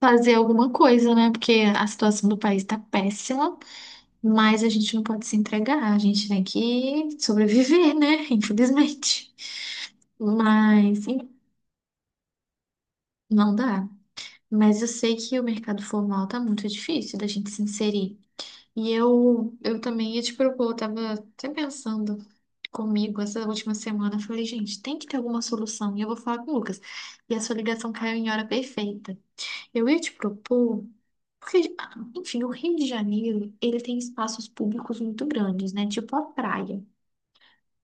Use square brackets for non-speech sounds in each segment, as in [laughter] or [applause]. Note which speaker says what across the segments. Speaker 1: Fazer alguma coisa, né? Porque a situação do país tá péssima, mas a gente não pode se entregar, a gente tem que sobreviver, né? [laughs] Infelizmente. Mas em- não dá. Mas eu sei que o mercado formal tá muito difícil da gente se inserir. E eu também ia te propor, eu tava até pensando comigo essa última semana, eu falei, gente, tem que ter alguma solução. E eu vou falar com o Lucas. E a sua ligação caiu em hora perfeita. Eu ia te propor, porque, ah, enfim, o Rio de Janeiro, ele tem espaços públicos muito grandes, né? Tipo a praia.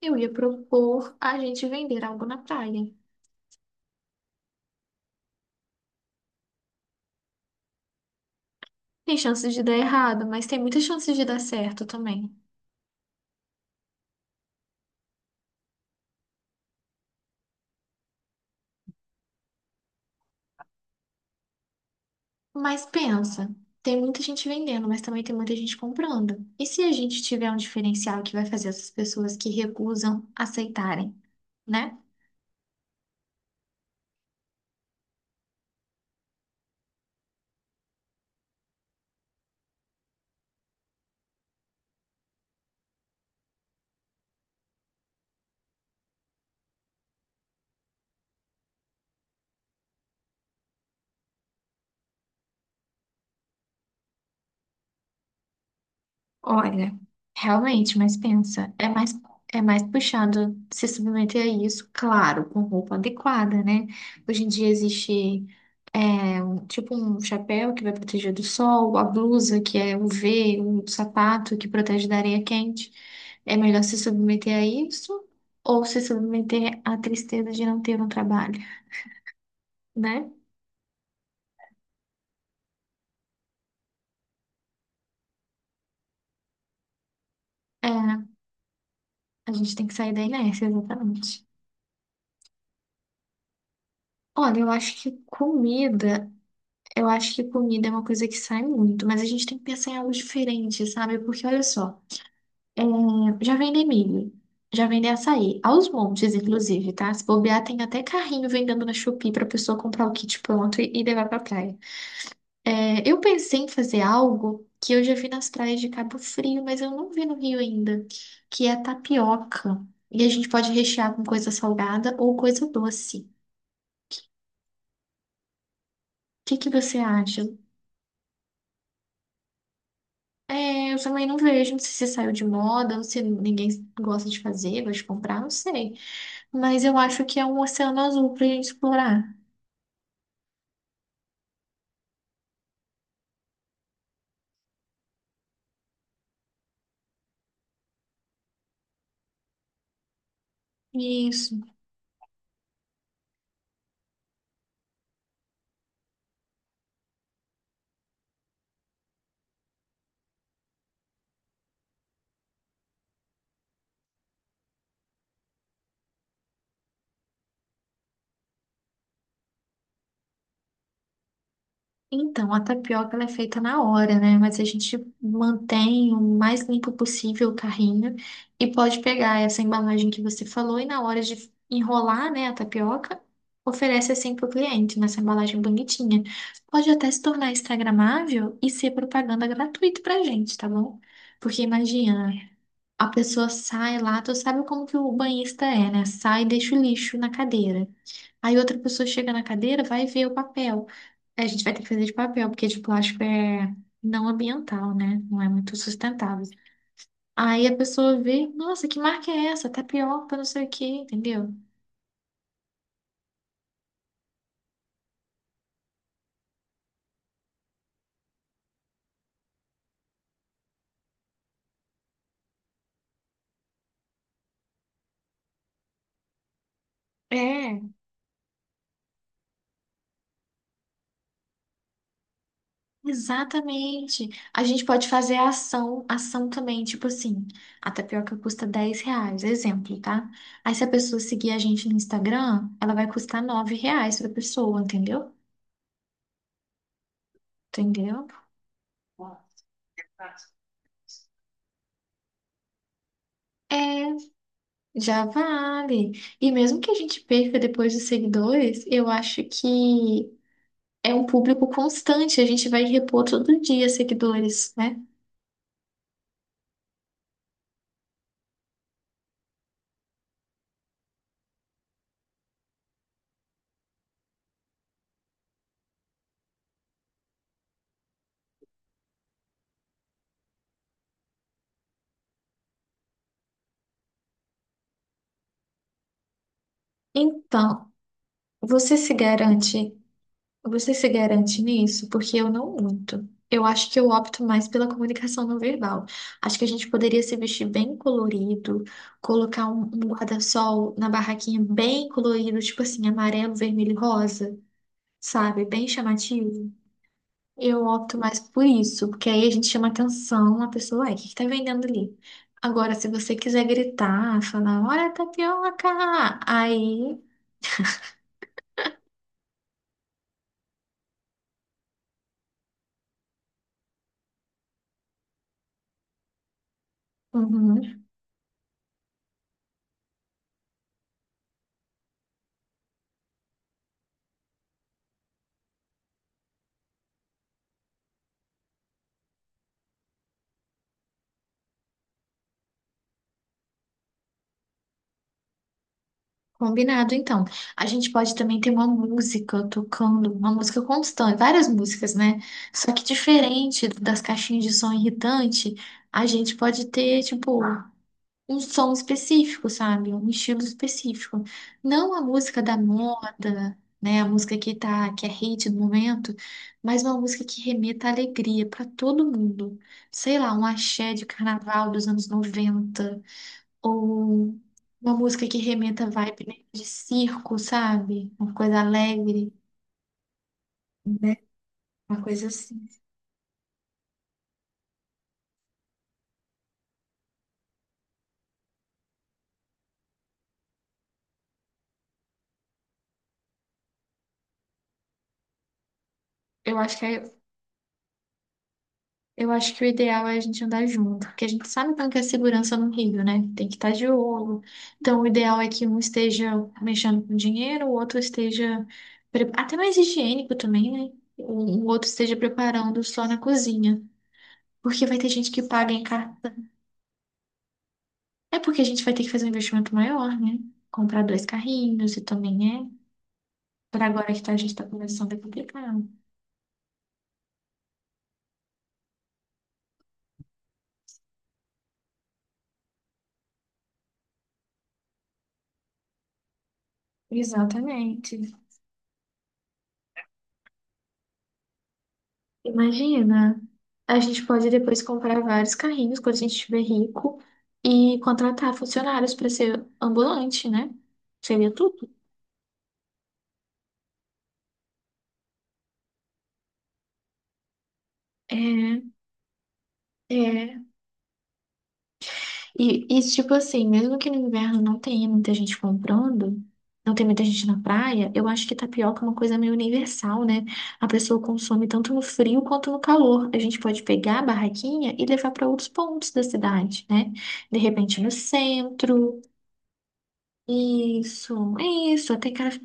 Speaker 1: Eu ia propor a gente vender algo na praia. Tem chances de dar errado, mas tem muitas chances de dar certo também. Mas pensa, tem muita gente vendendo, mas também tem muita gente comprando. E se a gente tiver um diferencial que vai fazer essas pessoas que recusam aceitarem, né? Olha, realmente, mas pensa, é mais puxado se submeter a isso, claro, com roupa adequada, né? Hoje em dia existe tipo um chapéu que vai proteger do sol, a blusa que é UV, um sapato que protege da areia quente. É melhor se submeter a isso ou se submeter à tristeza de não ter um trabalho, né? É, a gente tem que sair da inércia, exatamente. Olha, eu acho que comida. Eu acho que comida é uma coisa que sai muito, mas a gente tem que pensar em algo diferente, sabe? Porque olha só, é, já vendem milho, já vendem açaí, aos montes, inclusive, tá? Se bobear, tem até carrinho vendendo na Shopee pra pessoa comprar o kit pronto e levar pra praia. É, eu pensei em fazer algo que eu já vi nas praias de Cabo Frio, mas eu não vi no Rio ainda, que é a tapioca. E a gente pode rechear com coisa salgada ou coisa doce. O que que você acha? É, eu também não vejo, não sei se saiu de moda, ou se ninguém gosta de fazer, gosta de comprar, não sei. Mas eu acho que é um oceano azul pra gente explorar. Isso. Então, a tapioca ela é feita na hora, né? Mas a gente mantém o mais limpo possível o carrinho e pode pegar essa embalagem que você falou e na hora de enrolar, né, a tapioca, oferece assim para o cliente, nessa embalagem bonitinha. Pode até se tornar instagramável e ser propaganda gratuita pra gente, tá bom? Porque imagina, a pessoa sai lá, tu sabe como que o banhista é, né? Sai e deixa o lixo na cadeira. Aí outra pessoa chega na cadeira, vai ver o papel. A gente vai ter que fazer de papel, porque de plástico é não ambiental, né? Não é muito sustentável. Aí a pessoa vê, nossa, que marca é essa? Tapioca, não sei o quê, entendeu? É, exatamente. A gente pode fazer a ação também, tipo assim, a tapioca custa R$ 10, exemplo, tá? Aí se a pessoa seguir a gente no Instagram, ela vai custar R$ 9 pra pessoa, entendeu? Entendeu? É. Já vale. E mesmo que a gente perca depois os seguidores, eu acho que é um público constante, a gente vai repor todo dia seguidores, né? Então, você se garante, você se garante nisso? Porque eu não muito. Eu acho que eu opto mais pela comunicação não verbal. Acho que a gente poderia se vestir bem colorido, colocar um guarda-sol na barraquinha bem colorido, tipo assim, amarelo, vermelho e rosa, sabe? Bem chamativo. Eu opto mais por isso, porque aí a gente chama atenção, a pessoa, ué, o que que tá vendendo ali? Agora, se você quiser gritar, falar, olha a tapioca, aí, uhum, combinado então. A gente pode também ter uma música tocando, uma música constante, várias músicas, né? Só que diferente das caixinhas de som irritante, a gente pode ter, tipo, um som específico, sabe? Um estilo específico. Não a música da moda, né? A música que tá, que é hate no momento, mas uma música que remeta à alegria para todo mundo. Sei lá, um axé de carnaval dos anos 90 ou uma música que remeta à vibe meio de circo, sabe? Uma coisa alegre, né? Uma coisa assim. Eu acho que é Eu acho que o ideal é a gente andar junto, porque a gente sabe como que é a segurança no Rio, né? Tem que estar de olho. Então, o ideal é que um esteja mexendo com dinheiro, o outro esteja. Até mais higiênico também, né? O outro esteja preparando só na cozinha. Porque vai ter gente que paga em cartão. É porque a gente vai ter que fazer um investimento maior, né? Comprar dois carrinhos e também é. Para agora que tá, a gente está começando a complicar. Exatamente. Imagina, a gente pode depois comprar vários carrinhos quando a gente estiver rico e contratar funcionários para ser ambulante, né? Seria tudo. É, é. E isso, tipo assim, mesmo que no inverno não tenha muita gente comprando, não tem muita gente na praia, eu acho que tapioca é uma coisa meio universal, né? A pessoa consome tanto no frio quanto no calor. A gente pode pegar a barraquinha e levar para outros pontos da cidade, né? De repente no centro. Isso, é isso. Até cara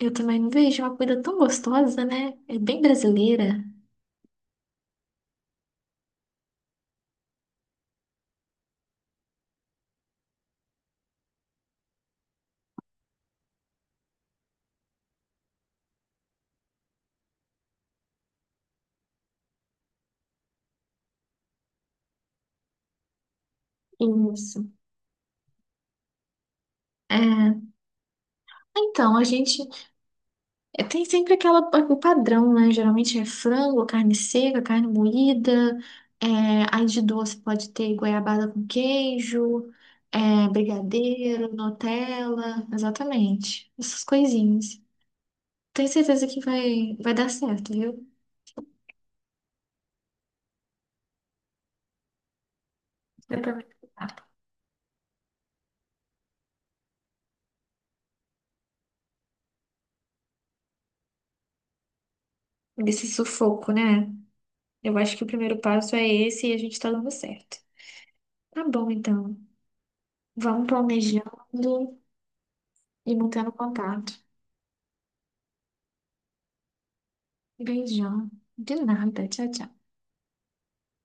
Speaker 1: eu também não vejo uma comida tão gostosa, né? É bem brasileira. Isso. É. Então, a gente é, tem sempre aquela, o padrão, né? Geralmente é frango, carne seca, carne moída. É, aí de doce pode ter goiabada com queijo, é, brigadeiro, Nutella. Exatamente. Essas coisinhas. Tenho certeza que vai dar certo, viu? Dá pra me Desse sufoco, né? Eu acho que o primeiro passo é esse e a gente tá dando certo. Tá bom, então. Vamos planejando e mantendo contato. Beijão. De nada. Tchau, tchau.